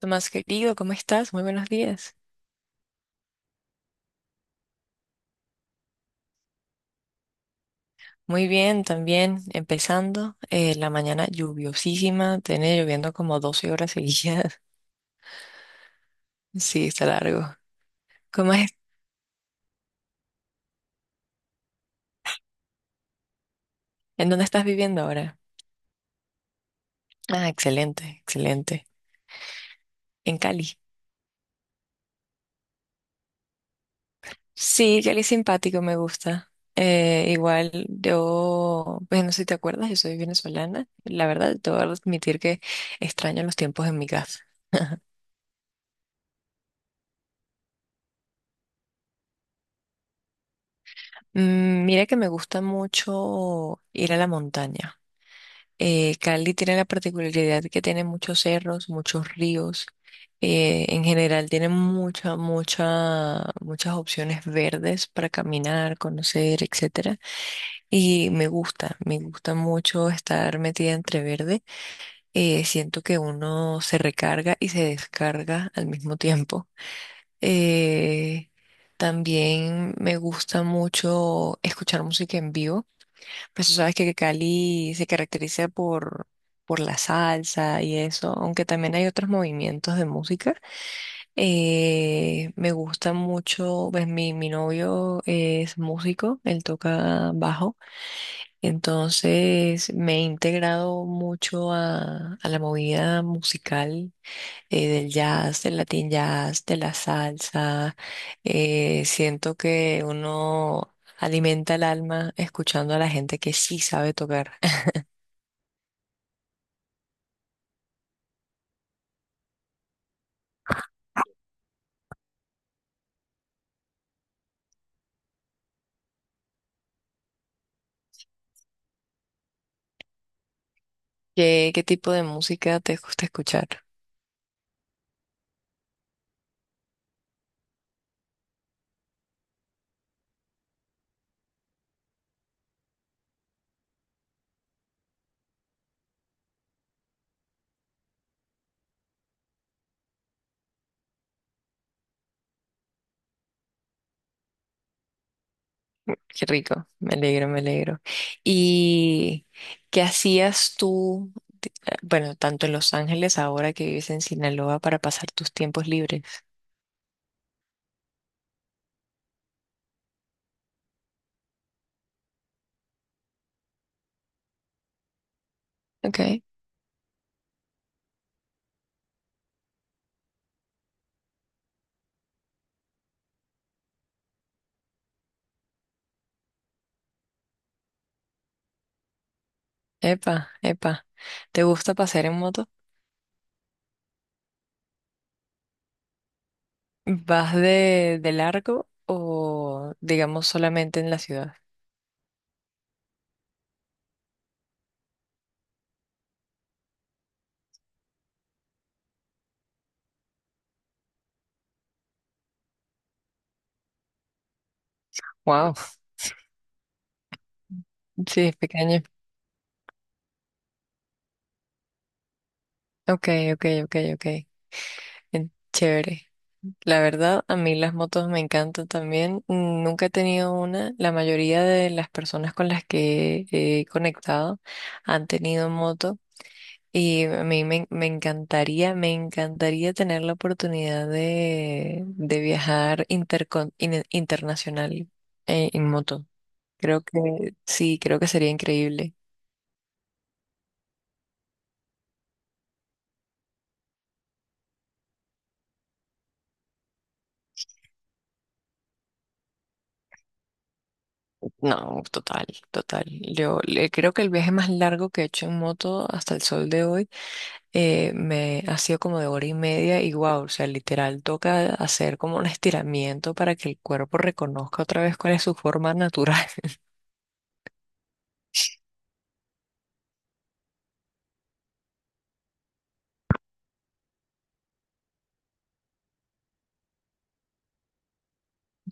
Tomás querido, ¿cómo estás? Muy buenos días. Muy bien, también empezando la mañana lluviosísima, tiene lloviendo como 12 horas seguidas. Sí, está largo. ¿Cómo es? ¿En dónde estás viviendo ahora? Ah, excelente, excelente. En Cali. Sí, Cali es simpático, me gusta. Igual yo, pues no sé si te acuerdas, yo soy venezolana. La verdad, te voy a admitir que extraño los tiempos en mi casa. Mm, mira que me gusta mucho ir a la montaña. Cali tiene la particularidad que tiene muchos cerros, muchos ríos. En general tiene muchas opciones verdes para caminar, conocer, etcétera. Y me gusta mucho estar metida entre verde. Siento que uno se recarga y se descarga al mismo tiempo. Eh, También me gusta mucho escuchar música en vivo. Pues tú sabes que Cali se caracteriza por la salsa y eso, aunque también hay otros movimientos de música. Me gusta mucho, pues mi novio es músico, él toca bajo, entonces me he integrado mucho a la movida musical del jazz, del latin jazz, de la salsa. Siento que uno alimenta el alma escuchando a la gente que sí sabe tocar. ¿Qué tipo de música te gusta escuchar? Qué rico, me alegro. ¿Y qué hacías tú, bueno, tanto en Los Ángeles ahora que vives en Sinaloa para pasar tus tiempos libres? Ok, epa, epa. ¿Te gusta pasear en moto? ¿Vas de largo o digamos solamente en la ciudad? Wow, sí, es pequeño. Ok, ok. En- Chévere. La verdad, a mí las motos me encantan también. Mm, nunca he tenido una. La mayoría de las personas con las que he conectado han tenido moto y a mí me encantaría tener la oportunidad de viajar intercon- in- internacional en moto. Creo que sí, creo que sería increíble. No, total, total. Yo le- creo que el viaje más largo que he hecho en moto hasta el sol de hoy me ha sido como de hora y media y wow, o sea, literal toca hacer como un estiramiento para que el cuerpo reconozca otra vez cuál es su forma natural.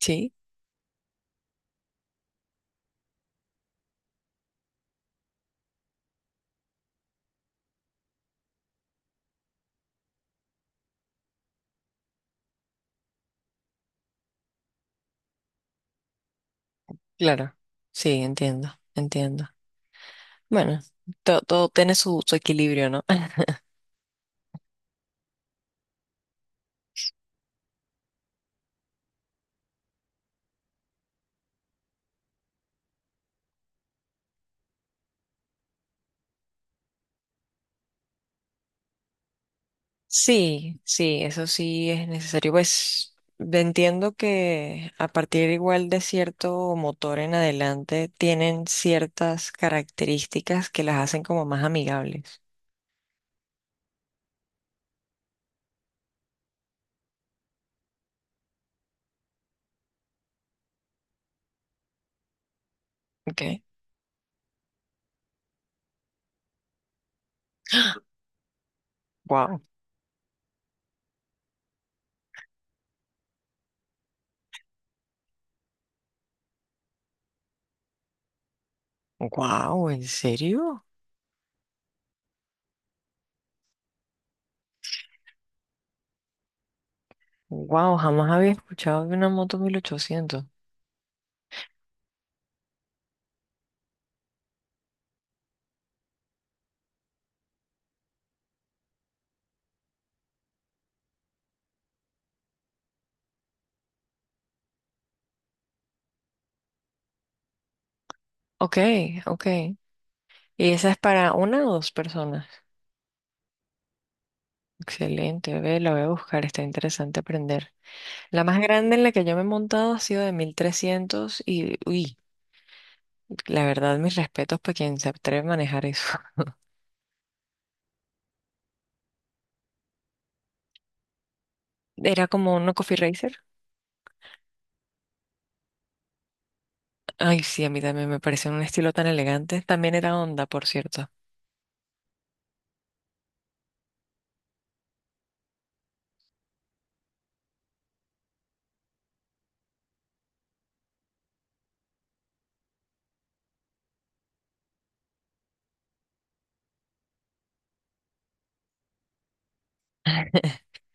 Sí, claro. Sí, entiendo, entiendo. Bueno, to- todo tiene su, su equilibrio, ¿no? Sí, sí, eso sí es necesario. Pues entiendo que a partir igual de cierto motor en adelante tienen ciertas características que las hacen como más amigables. Ok. Wow. Wow, ¿en serio? Wow, jamás había escuchado de una moto 1800. Ok, ok. Y esa es para una o dos personas. Excelente, ve, la voy a buscar, está interesante aprender. La más grande en la que yo me he montado ha sido de 1300 y, uy, la verdad, mis respetos para quien se atreve a manejar eso. Era como una Coffee Racer. Ay, sí, a mí también me pareció un estilo tan elegante. También era Honda, por cierto.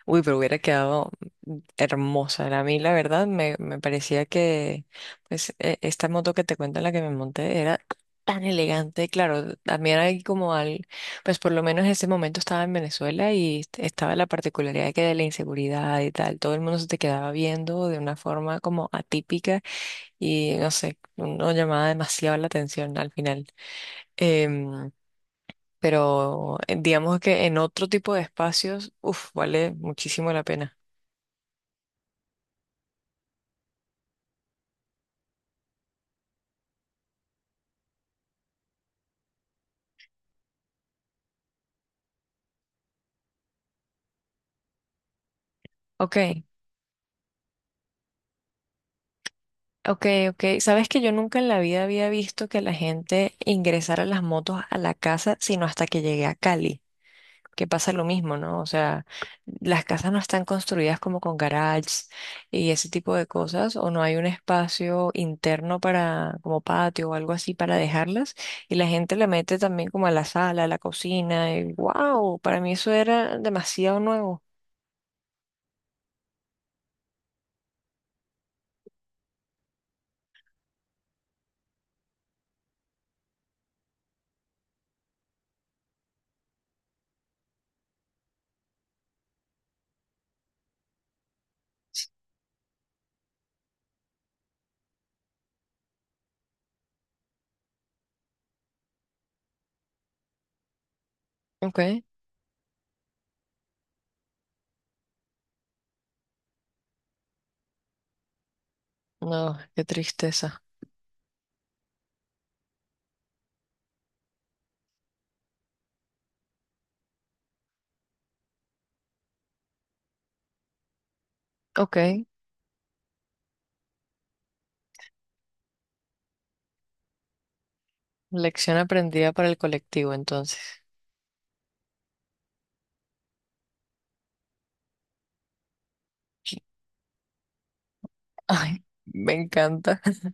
Uy, pero hubiera quedado hermosa. A mí, la verdad, me parecía que pues, e- esta moto que te cuento en la que me monté era tan elegante. Claro, también hay como al, pues por lo menos en ese momento estaba en Venezuela y est- estaba la particularidad que de la inseguridad y tal. Todo el mundo se te quedaba viendo de una forma como atípica y no sé, no llamaba demasiado la atención al final. Em, pero digamos que en otro tipo de espacios, uff, vale muchísimo la pena. Ok, ok. Sabes que yo nunca en la vida había visto que la gente ingresara las motos a la casa, sino hasta que llegué a Cali, que pasa lo mismo, ¿no? O sea, las casas no están construidas como con garages y ese tipo de cosas, o no hay un espacio interno para, como patio o algo así para dejarlas, y la gente le mete también como a la sala, a la cocina, y wow, para mí eso era demasiado nuevo. Ok, no, qué tristeza. Ok. Lección aprendida para el colectivo, entonces. Ay, me encanta.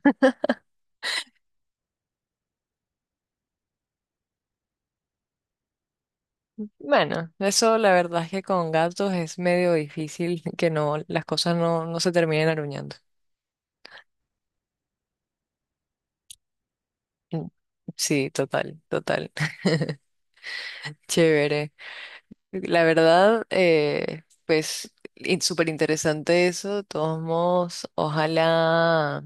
Bueno, eso la verdad es que con gatos es medio difícil que las cosas no, no se terminen aruñando. Mm, sí, total, total. Chévere. La verdad, pues, in- súper interesante eso. De todos modos, ojalá.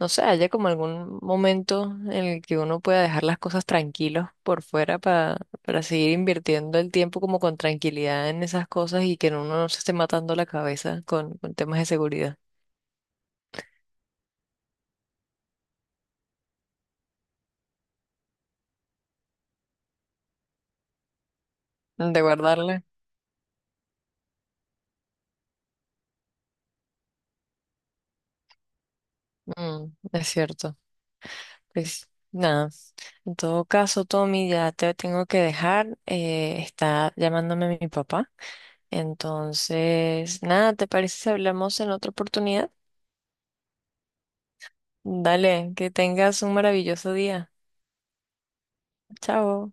No sé, haya como algún momento en el que uno pueda dejar las cosas tranquilos por fuera para seguir invirtiendo el tiempo como con tranquilidad en esas cosas y que uno no se esté matando la cabeza con temas de seguridad. De guardarle. Mm, es cierto. Pues nada. En todo caso, Tommy, ya te tengo que dejar. Está llamándome mi papá. Entonces, nada, ¿te parece si hablamos en otra oportunidad? Dale, que tengas un maravilloso día. Chao.